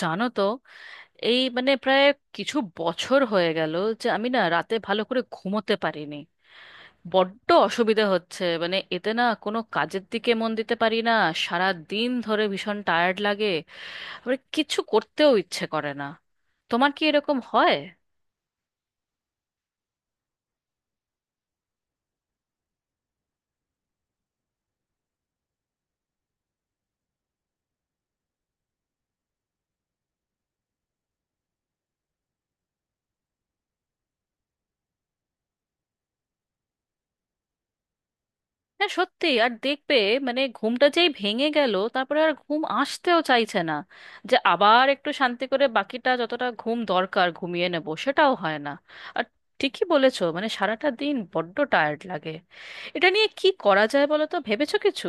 জানো তো, এই মানে প্রায় কিছু বছর হয়ে গেল যে আমি না রাতে ভালো করে ঘুমোতে পারিনি। বড্ড অসুবিধা হচ্ছে, মানে এতে না কোনো কাজের দিকে মন দিতে পারি না। সারা দিন ধরে ভীষণ টায়ার্ড লাগে, আবার কিছু করতেও ইচ্ছে করে না। তোমার কি এরকম হয়? হ্যাঁ, সত্যি। আর দেখবে, মানে ঘুমটা যেই ভেঙে গেল তারপরে আর ঘুম আসতেও চাইছে না, যে আবার একটু শান্তি করে বাকিটা যতটা ঘুম দরকার ঘুমিয়ে নেব, সেটাও হয় না। আর ঠিকই বলেছো, মানে সারাটা দিন বড্ড টায়ার্ড লাগে। এটা নিয়ে কি করা যায় বলো তো, ভেবেছো কিছু?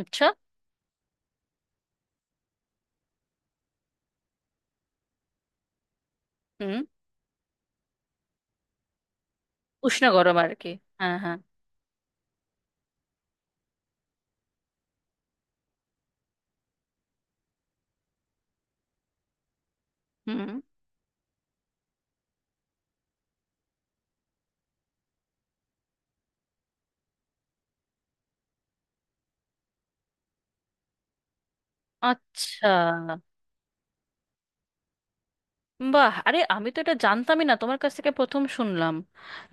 আচ্ছা। হুম। উষ্ণ গরম আর কি। হ্যাঁ, হ্যাঁ। হুম। আচ্ছা। বাহ, আরে আমি তো এটা জানতামই না, তোমার কাছ থেকে প্রথম শুনলাম।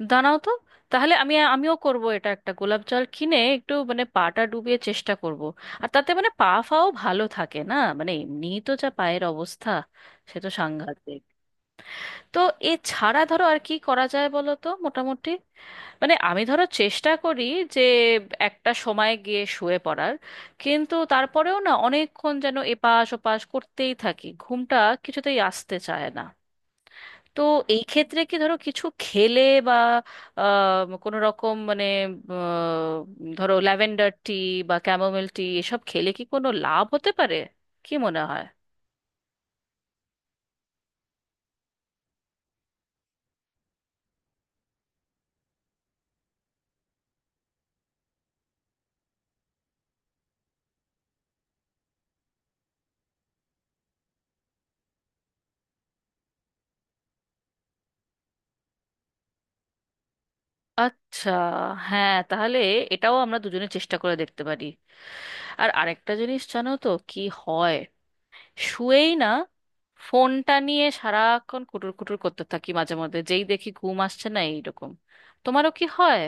দাঁড়াও তো। তাহলে আমিও করব এটা, একটা গোলাপ জল কিনে একটু মানে পাটা ডুবিয়ে চেষ্টা করব। আর তাতে মানে পা ফাও ভালো থাকে না, মানে এমনি তো যা পায়ের অবস্থা, সে তো সাংঘাতিক। তো এছাড়া ধরো আর কি করা যায় বলো তো মোটামুটি, মানে আমি ধরো চেষ্টা করি যে একটা সময় গিয়ে শুয়ে পড়ার, কিন্তু তারপরেও না অনেকক্ষণ যেন এপাশ ওপাশ করতেই থাকি, ঘুমটা কিছুতেই আসতে চায় না। তো এই ক্ষেত্রে কি ধরো কিছু খেলে বা কোনো রকম মানে ধরো ল্যাভেন্ডার টি বা ক্যামোমেল টি এসব খেলে কি কোনো লাভ হতে পারে, কি মনে হয়? আচ্ছা। হ্যাঁ, তাহলে এটাও আমরা দুজনে চেষ্টা করে দেখতে পারি। আর আরেকটা জিনিস জানো তো কি হয়, শুয়েই না ফোনটা নিয়ে সারাক্ষণ কুটুর কুটুর করতে থাকি মাঝে মধ্যে, যেই দেখি ঘুম আসছে না এইরকম। তোমারও কি হয়?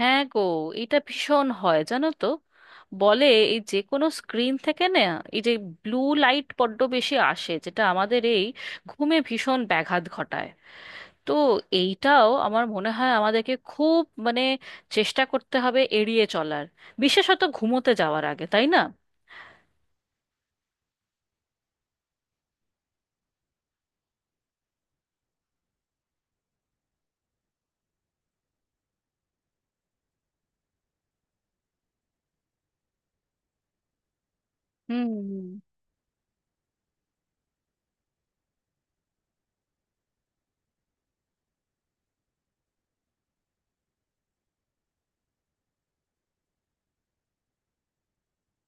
হ্যাঁ গো, এটা ভীষণ হয় জানো তো। বলে এই যে কোনো স্ক্রিন থেকে না, এই যে ব্লু লাইট বড্ড বেশি আসে, যেটা আমাদের এই ঘুমে ভীষণ ব্যাঘাত ঘটায়। তো এইটাও আমার মনে হয় আমাদেরকে খুব মানে চেষ্টা করতে হবে এড়িয়ে চলার, বিশেষত ঘুমোতে যাওয়ার আগে, তাই না? হুম।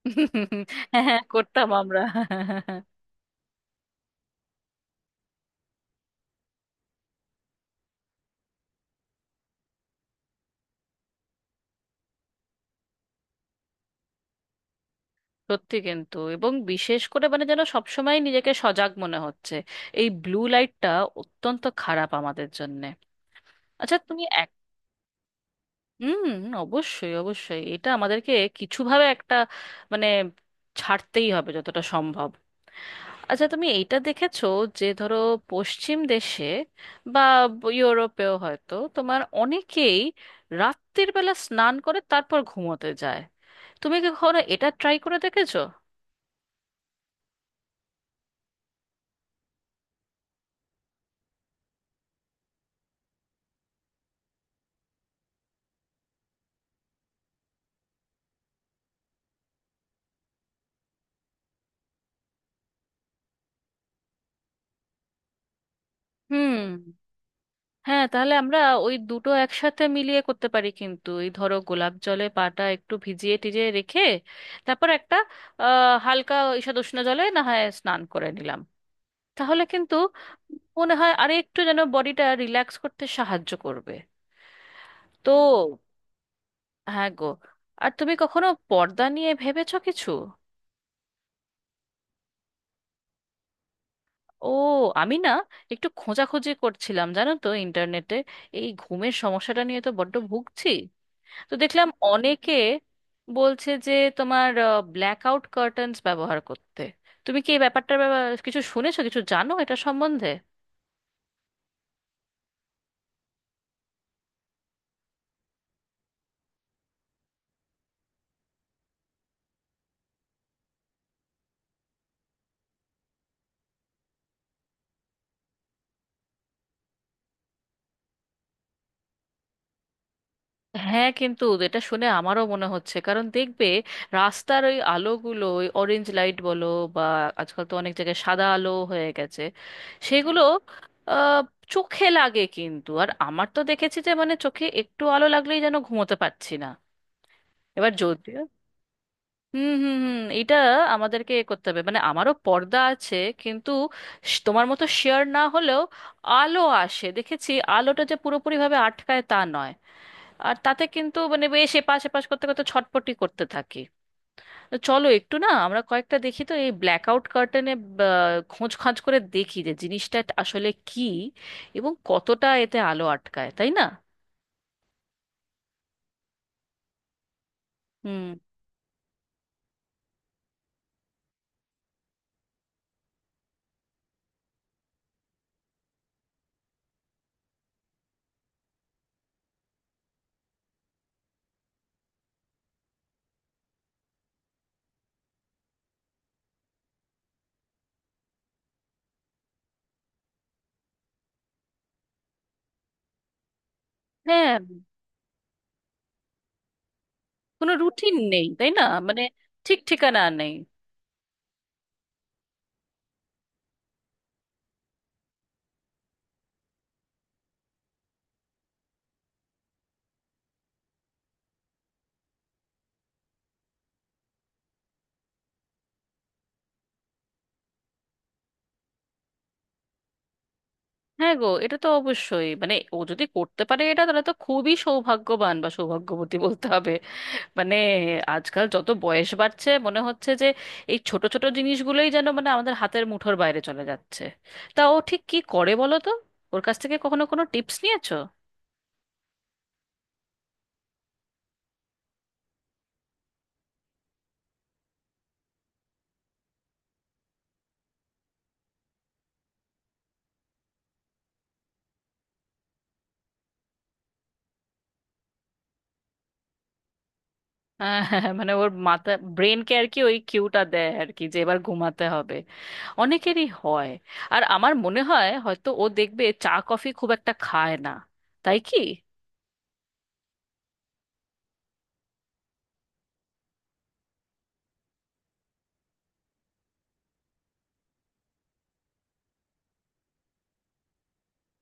হুম। হ্যাঁ, করতাম আমরা। সত্যি, কিন্তু এবং বিশেষ করে মানে যেন সবসময় নিজেকে সজাগ মনে হচ্ছে। এই ব্লু লাইটটা অত্যন্ত খারাপ আমাদের জন্য। আচ্ছা, তুমি এক। হুম। অবশ্যই, অবশ্যই এটা আমাদেরকে কিছুভাবে একটা মানে ছাড়তেই হবে যতটা সম্ভব। আচ্ছা, তুমি এইটা দেখেছো যে ধরো পশ্চিম দেশে বা ইউরোপেও হয়তো তোমার অনেকেই রাত্রির বেলা স্নান করে তারপর ঘুমোতে যায়, তুমি কি কখনো এটা ট্রাই করে দেখেছো? হুম। হ্যাঁ, তাহলে আমরা ওই দুটো একসাথে মিলিয়ে করতে পারি, কিন্তু এই ধরো গোলাপ জলে পাটা একটু ভিজিয়ে টিজিয়ে রেখে তারপর একটা হালকা ঈষদুষ্ণ জলে না হয় স্নান করে নিলাম, তাহলে কিন্তু মনে হয় আরে একটু যেন বডিটা রিল্যাক্স করতে সাহায্য করবে। তো হ্যাঁ গো, আর তুমি কখনো পর্দা নিয়ে ভেবেছো কিছু? ও, আমি না একটু খোঁজাখুঁজি করছিলাম জানো তো ইন্টারনেটে, এই ঘুমের সমস্যাটা নিয়ে তো বড্ড ভুগছি। তো দেখলাম অনেকে বলছে যে তোমার ব্ল্যাকআউট কার্টেন্স ব্যবহার করতে। তুমি কি এই কিছু শুনেছো, কিছু জানো এটা সম্বন্ধে? হ্যাঁ, কিন্তু এটা শুনে আমারও মনে হচ্ছে, কারণ দেখবে রাস্তার ওই আলোগুলো, ওই অরেঞ্জ লাইট বলো বা আজকাল তো অনেক জায়গায় সাদা আলো হয়ে গেছে, সেগুলো আহ, চোখে লাগে কিন্তু। আর আমার তো দেখেছি যে মানে চোখে একটু আলো লাগলেই যেন ঘুমোতে পারছি না। এবার যদিও হুম হুম হুম, এটা আমাদেরকে এ করতে হবে, মানে আমারও পর্দা আছে কিন্তু তোমার মতো শেয়ার না হলেও আলো আসে দেখেছি, আলোটা যে পুরোপুরি ভাবে আটকায় তা নয়। আর তাতে কিন্তু মানে বেশ এপাশ এপাশ করতে করতে ছটপটি করতে থাকি। তো চলো একটু না আমরা কয়েকটা দেখি তো এই ব্ল্যাক আউট কার্টেনে, খোঁজ খাঁজ করে দেখি যে জিনিসটা আসলে কি এবং কতটা এতে আলো আটকায়, তাই না? হুম। হ্যাঁ। কোনো রুটিন নেই তাই না, মানে ঠিক ঠিকানা নেই। হ্যাঁ গো, এটা তো অবশ্যই, মানে ও যদি করতে পারে এটা তাহলে তো খুবই সৌভাগ্যবান বা সৌভাগ্যবতী বলতে হবে। মানে আজকাল যত বয়স বাড়ছে মনে হচ্ছে যে এই ছোট ছোট জিনিসগুলোই যেন মানে আমাদের হাতের মুঠোর বাইরে চলে যাচ্ছে। তা ও ঠিক কি করে বলো তো, ওর কাছ থেকে কখনো কোনো টিপস নিয়েছো? হ্যাঁ, হ্যাঁ, হ্যাঁ, মানে ওর ব্রেনকে আর কি ওই কিউটা দেয় আর কি, যে এবার ঘুমাতে হবে, অনেকেরই হয়। আর আমার মনে হয় হয়তো ও দেখবে চা কফি খুব একটা খায় না, তাই কি?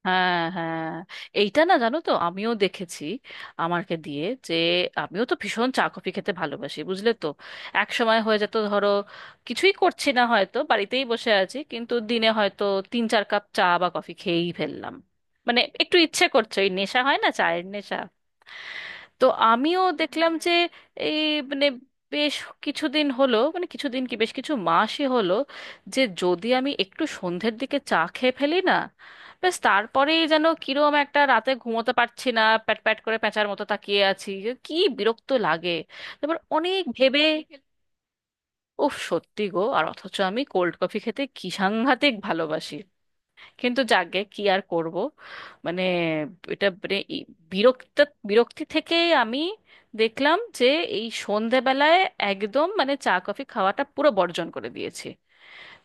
হ্যাঁ, হ্যাঁ, এইটা না জানো তো আমিও দেখেছি আমারকে দিয়ে, যে আমিও তো ভীষণ চা কফি খেতে ভালোবাসি বুঝলে তো। এক সময় হয়ে যেত ধরো, কিছুই করছি না হয়তো বাড়িতেই বসে আছি কিন্তু দিনে হয়তো তিন চার কাপ চা বা কফি খেয়েই ফেললাম। মানে একটু ইচ্ছে করছে, ওই নেশা হয় না চায়ের নেশা। তো আমিও দেখলাম যে এই মানে বেশ কিছুদিন হলো, মানে কিছুদিন কি বেশ কিছু মাসই হলো, যে যদি আমি একটু সন্ধ্যের দিকে চা খেয়ে ফেলি না, ব্যাস তারপরেই যেন কিরম একটা রাতে ঘুমোতে পারছি না, প্যাট প্যাট করে প্যাঁচার মতো তাকিয়ে আছি, যে কি বিরক্ত লাগে। তারপর অনেক ভেবে, উফ সত্যি গো, আর অথচ আমি কোল্ড কফি খেতে কি সাংঘাতিক ভালোবাসি, কিন্তু যাকগে কি আর করব। মানে এটা মানে এই বিরক্ত বিরক্তি থেকেই আমি দেখলাম যে এই সন্ধেবেলায় একদম মানে চা কফি খাওয়াটা পুরো বর্জন করে দিয়েছি।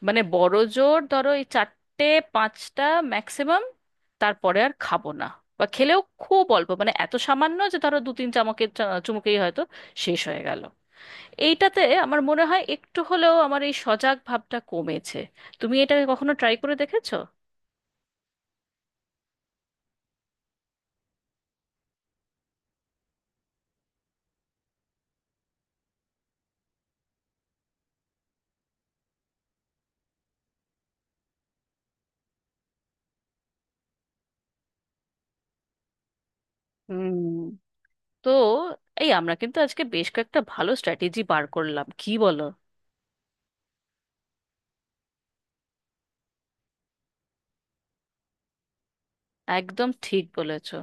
মানে বড় জোর ধরো এই চারটে পাঁচটা ম্যাক্সিমাম, তারপরে আর খাবো না। বা খেলেও খুব অল্প, মানে এত সামান্য যে ধরো দু তিন চুমুকেই হয়তো শেষ হয়ে গেল। এইটাতে আমার মনে হয় একটু হলেও আমার এই সজাগ ভাবটা কমেছে। তুমি এটা কখনো ট্রাই করে দেখেছো? হুম। তো এই আমরা কিন্তু আজকে বেশ কয়েকটা ভালো স্ট্র্যাটেজি বার করলাম, কি বলো? একদম ঠিক বলেছো।